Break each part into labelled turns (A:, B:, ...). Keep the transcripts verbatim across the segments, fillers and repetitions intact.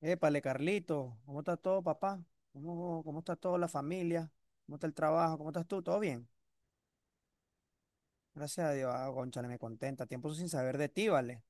A: Épale, Carlito, ¿cómo está todo, papá? ¿Cómo, cómo está toda la familia? ¿Cómo está el trabajo? ¿Cómo estás tú? ¿Todo bien? Gracias a Dios. Ah, cónchale, me contenta. Tiempo sin saber de ti, ¿vale?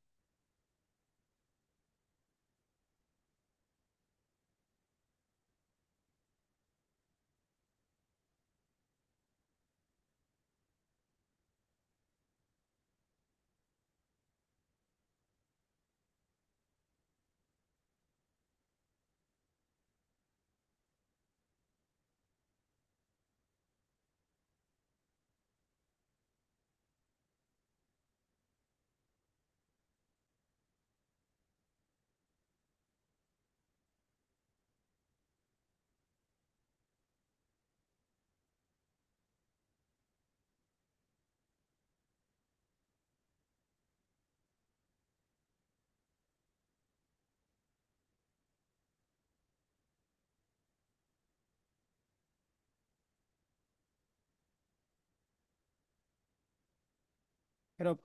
A: Pero,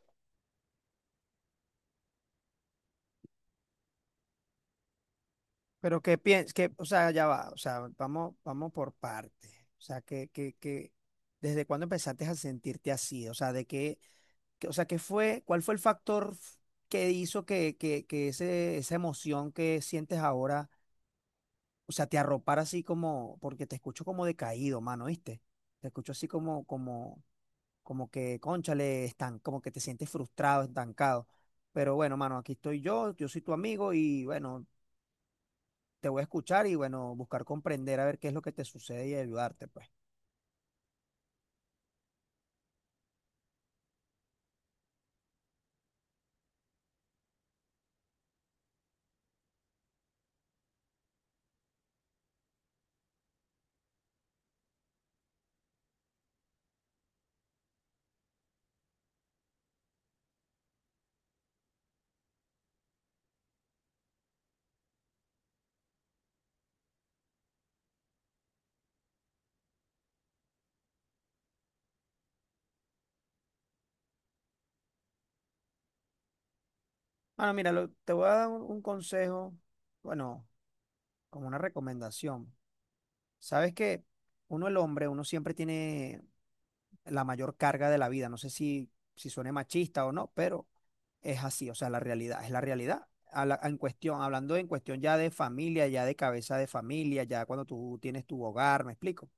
A: pero ¿qué piensas? Que, o sea, ya va. O sea, vamos, vamos por partes. O sea, que, que, que, ¿desde cuándo empezaste a sentirte así? O sea, ¿de qué, qué- o sea, qué fue, cuál fue el factor que hizo que, que, que ese, esa emoción que sientes ahora? O sea, te arropar así como, porque te escucho como decaído, mano, ¿viste? Te escucho así como, como, como que, cónchale, están, como que te sientes frustrado, estancado. Pero bueno, mano, aquí estoy yo, yo soy tu amigo y bueno, te voy a escuchar y bueno, buscar comprender a ver qué es lo que te sucede y ayudarte, pues. Mano, mira, lo- te voy a dar un un consejo, bueno, como una recomendación. Sabes que uno, el hombre, uno siempre tiene la mayor carga de la vida. No sé si, si suene machista o no, pero es así, o sea, la realidad, es la realidad. A la- en cuestión, hablando en cuestión ya de familia, ya de cabeza de familia, ya cuando tú tienes tu hogar, ¿me explico?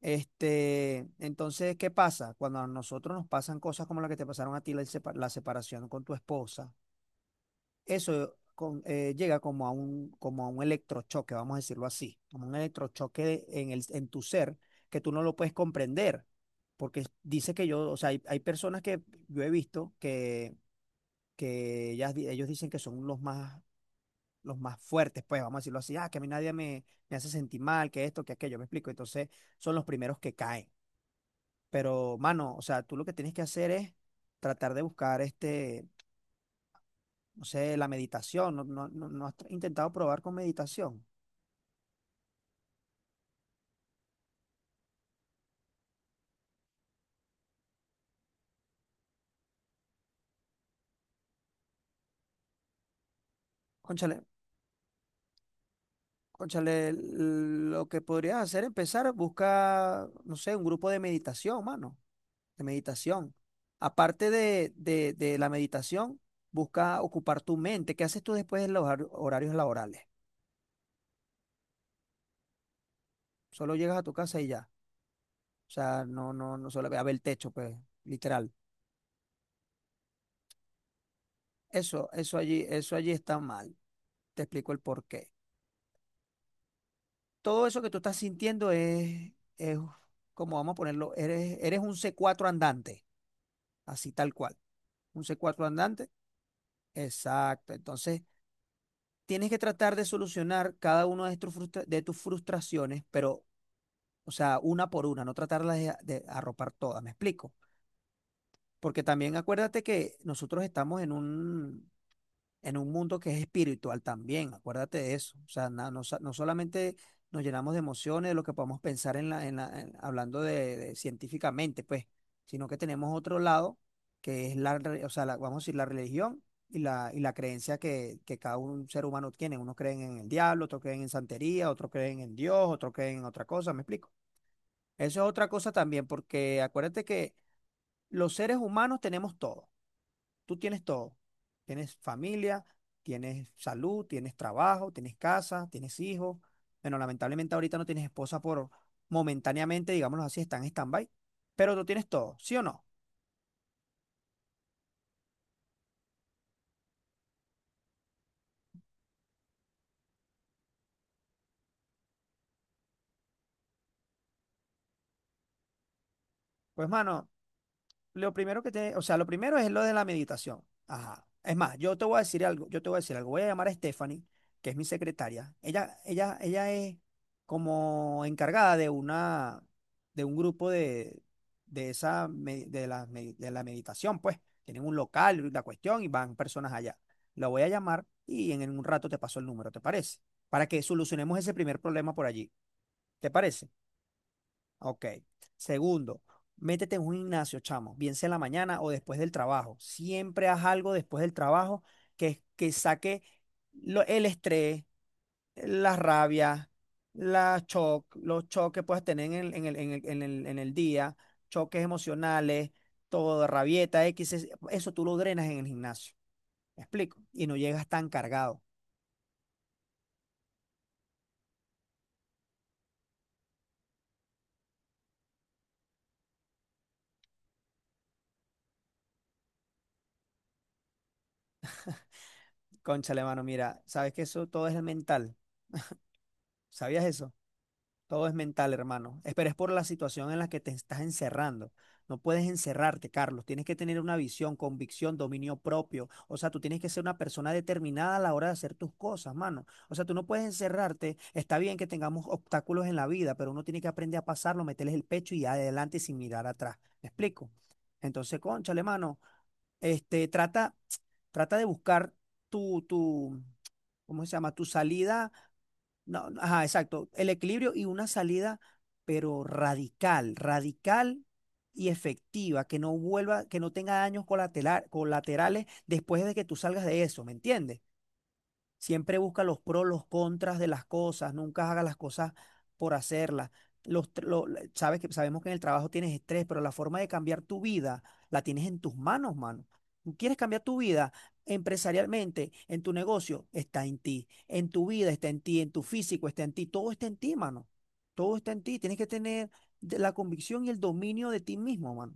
A: Este, entonces, ¿qué pasa? Cuando a nosotros nos pasan cosas como la que te pasaron a ti, la, sepa- la separación con tu esposa, eso con- eh, llega como a un, como a un, electrochoque, vamos a decirlo así, como un electrochoque en el, en tu ser que tú no lo puedes comprender, porque dice que yo, o sea, hay, hay personas que yo he visto que, que, ellas di- ellos dicen que son los más, los más fuertes, pues vamos a decirlo así, ah, que a mí nadie me, me hace sentir mal, que esto, que aquello, me explico, entonces son los primeros que caen. Pero, mano, o sea, tú lo que tienes que hacer es tratar de buscar este no sé, la meditación, no, no, no, no has intentado probar con meditación. Cónchale, cónchale, lo que podrías hacer es empezar, busca, no sé, un grupo de meditación, mano, de meditación. Aparte de, de, de la meditación, busca ocupar tu mente. ¿Qué haces tú después de los hor- horarios laborales? Solo llegas a tu casa y ya. O sea, no, no, no solo a ver el techo, pues, literal. Eso, eso allí, eso allí está mal. Te explico el porqué. Todo eso que tú estás sintiendo es, es, como vamos a ponerlo, eres, eres un c cuatro andante, así tal cual. Un c cuatro andante, exacto. Entonces, tienes que tratar de solucionar cada una de, estos frustra- de tus frustraciones, pero, o sea, una por una, no tratarlas de, de, arropar todas, ¿me explico? Porque también acuérdate que nosotros estamos en un, en un mundo que es espiritual también, acuérdate de eso. O sea, na- no, so- no solamente nos llenamos de emociones, de lo que podemos pensar en la, en la- en- hablando de, de científicamente, pues, sino que tenemos otro lado, que es la, re- o sea, la- vamos a decir, la religión y la, y la, creencia que, que cada un ser humano tiene. Unos creen en el diablo, otros creen en santería, otros creen en Dios, otros creen en otra cosa, ¿me explico? Eso es otra cosa también, porque acuérdate que los seres humanos tenemos todo. Tú tienes todo. Tienes familia, tienes salud, tienes trabajo, tienes casa, tienes hijos. Bueno, lamentablemente ahorita no tienes esposa por momentáneamente, digámoslo así, está en stand-by. Pero tú tienes todo, ¿sí o no? Pues, mano, lo primero que te, o sea, lo primero es lo de la meditación. Ajá. Es más, yo te voy a decir algo, yo te voy a decir algo. Voy a llamar a Stephanie, que es mi secretaria. Ella, ella, ella es como encargada de una, de un grupo de, de esa, me- de la, me- de la meditación, pues. Tienen un local, la cuestión, y van personas allá. La voy a llamar y en un rato te paso el número, ¿te parece? Para que solucionemos ese primer problema por allí. ¿Te parece? Ok. Segundo, métete en un gimnasio, chamo, bien sea en la mañana o después del trabajo. Siempre haz algo después del trabajo que, que saque lo- el estrés, la rabia, la cho- los choques que puedas tener en el, en el- en el- en el- en el día, choques emocionales, todo, rabieta, X, es- eso tú lo drenas en el gimnasio. ¿Me explico? Y no llegas tan cargado. Cónchale, mano, mira, sabes que eso todo es mental. ¿Sabías eso? Todo es mental, hermano. Es- Pero es por la situación en la que te estás encerrando. No puedes encerrarte, Carlos. Tienes que tener una visión, convicción, dominio propio. O sea, tú tienes que ser una persona determinada a la hora de hacer tus cosas, mano. O sea, tú no puedes encerrarte. Está bien que tengamos obstáculos en la vida, pero uno tiene que aprender a pasarlo, meterles el pecho y adelante sin mirar atrás. ¿Me explico? Entonces, cónchale, mano. Este, trata, trata de buscar tu, tu, ¿cómo se llama? Tu salida no, no, ajá, exacto. El equilibrio y una salida, pero radical, radical y efectiva, que no vuelva, que no tenga daños colateral- colaterales después de que tú salgas de eso, ¿me entiendes? Siempre busca los pros, los contras de las cosas, nunca haga las cosas por hacerlas. Los, tr- lo- la- Sabes que sabemos que en el trabajo tienes estrés, pero la forma de cambiar tu vida la tienes en tus manos, mano. Tú quieres cambiar tu vida empresarialmente, en tu negocio, está en ti. En tu vida está en ti, en tu físico está en ti, todo está en ti, mano. Todo está en ti. Tienes que tener de- la convicción y el dominio de ti mismo, mano.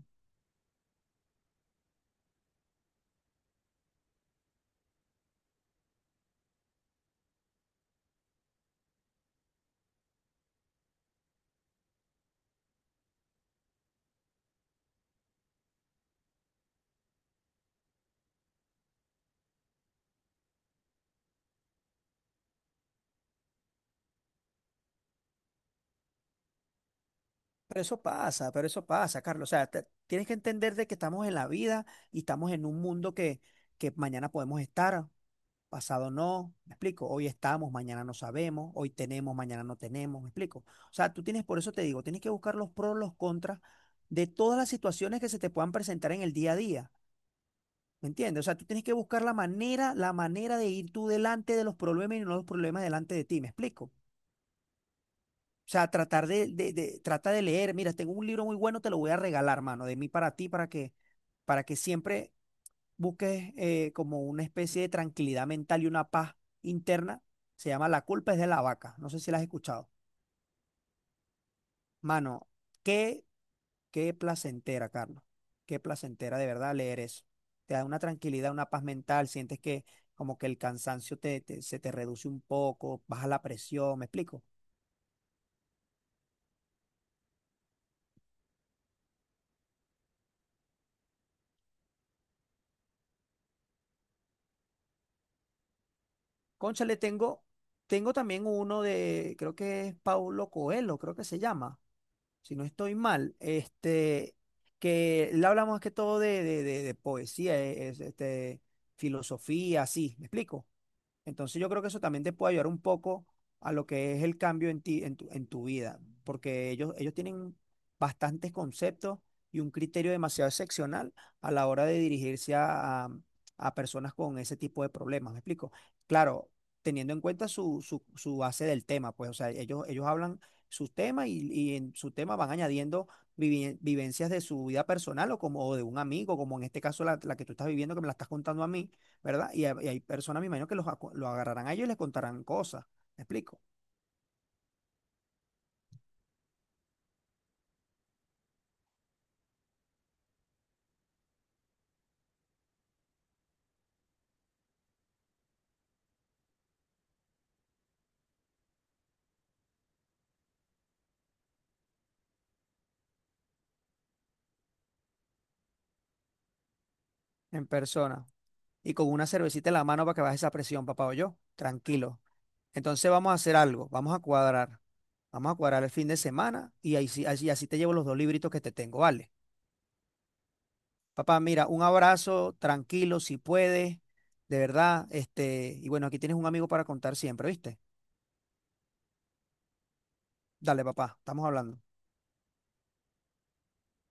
A: Pero eso pasa, pero eso pasa, Carlos. O sea, te- tienes que entender de que estamos en la vida y estamos en un mundo que, que, mañana podemos estar, pasado no. ¿Me explico? Hoy estamos, mañana no sabemos, hoy tenemos, mañana no tenemos. ¿Me explico? O sea, tú tienes, por eso te digo, tienes que buscar los pros, los contras de todas las situaciones que se te puedan presentar en el día a día. ¿Me entiendes? O sea, tú tienes que buscar la manera, la manera de ir tú delante de los problemas y no los problemas delante de ti. ¿Me explico? O sea, tratar de, de, de- trata de leer. Mira, tengo un libro muy bueno, te lo voy a regalar, mano, de mí para ti, para que, para que, siempre busques eh, como una especie de tranquilidad mental y una paz interna. Se llama La culpa es de la vaca. No sé si la has escuchado. Mano, qué, qué placentera, Carlos. Qué placentera de verdad leer eso. Te da una tranquilidad, una paz mental. Sientes que como que el cansancio te, te- se te reduce un poco, baja la presión. ¿Me explico? Cónchale, tengo, tengo también uno de, creo que es Paulo Coelho, creo que se llama, si no estoy mal, este, que le hablamos más que todo de, de- de- de poesía, eh, es- este, filosofía, así, ¿me explico? Entonces yo creo que eso también te puede ayudar un poco a lo que es el cambio en ti, en tu, en tu, vida, porque ellos, ellos tienen bastantes conceptos y un criterio demasiado excepcional a la hora de dirigirse a, a- a personas con ese tipo de problemas, ¿me explico? Claro, teniendo en cuenta su, su, su, base del tema, pues, o sea, ellos, ellos, hablan sus temas y, y en su tema van añadiendo vivi- vivencias de su vida personal o como o de un amigo, como en este caso la, la, que tú estás viviendo, que me la estás contando a mí, ¿verdad? Y hay, y hay personas, me imagino que los, acu- lo agarrarán a ellos y les contarán cosas, ¿me explico? En persona. Y con una cervecita en la mano para que baje esa presión, papá o yo, tranquilo. Entonces vamos a hacer algo, vamos a cuadrar, vamos a cuadrar, el fin de semana y ahí sí- así, así te llevo los dos libritos que te tengo, ¿vale? Papá, mira, un abrazo, tranquilo, si puedes, de verdad, este, y bueno, aquí tienes un amigo para contar siempre, ¿viste? Dale, papá, estamos hablando.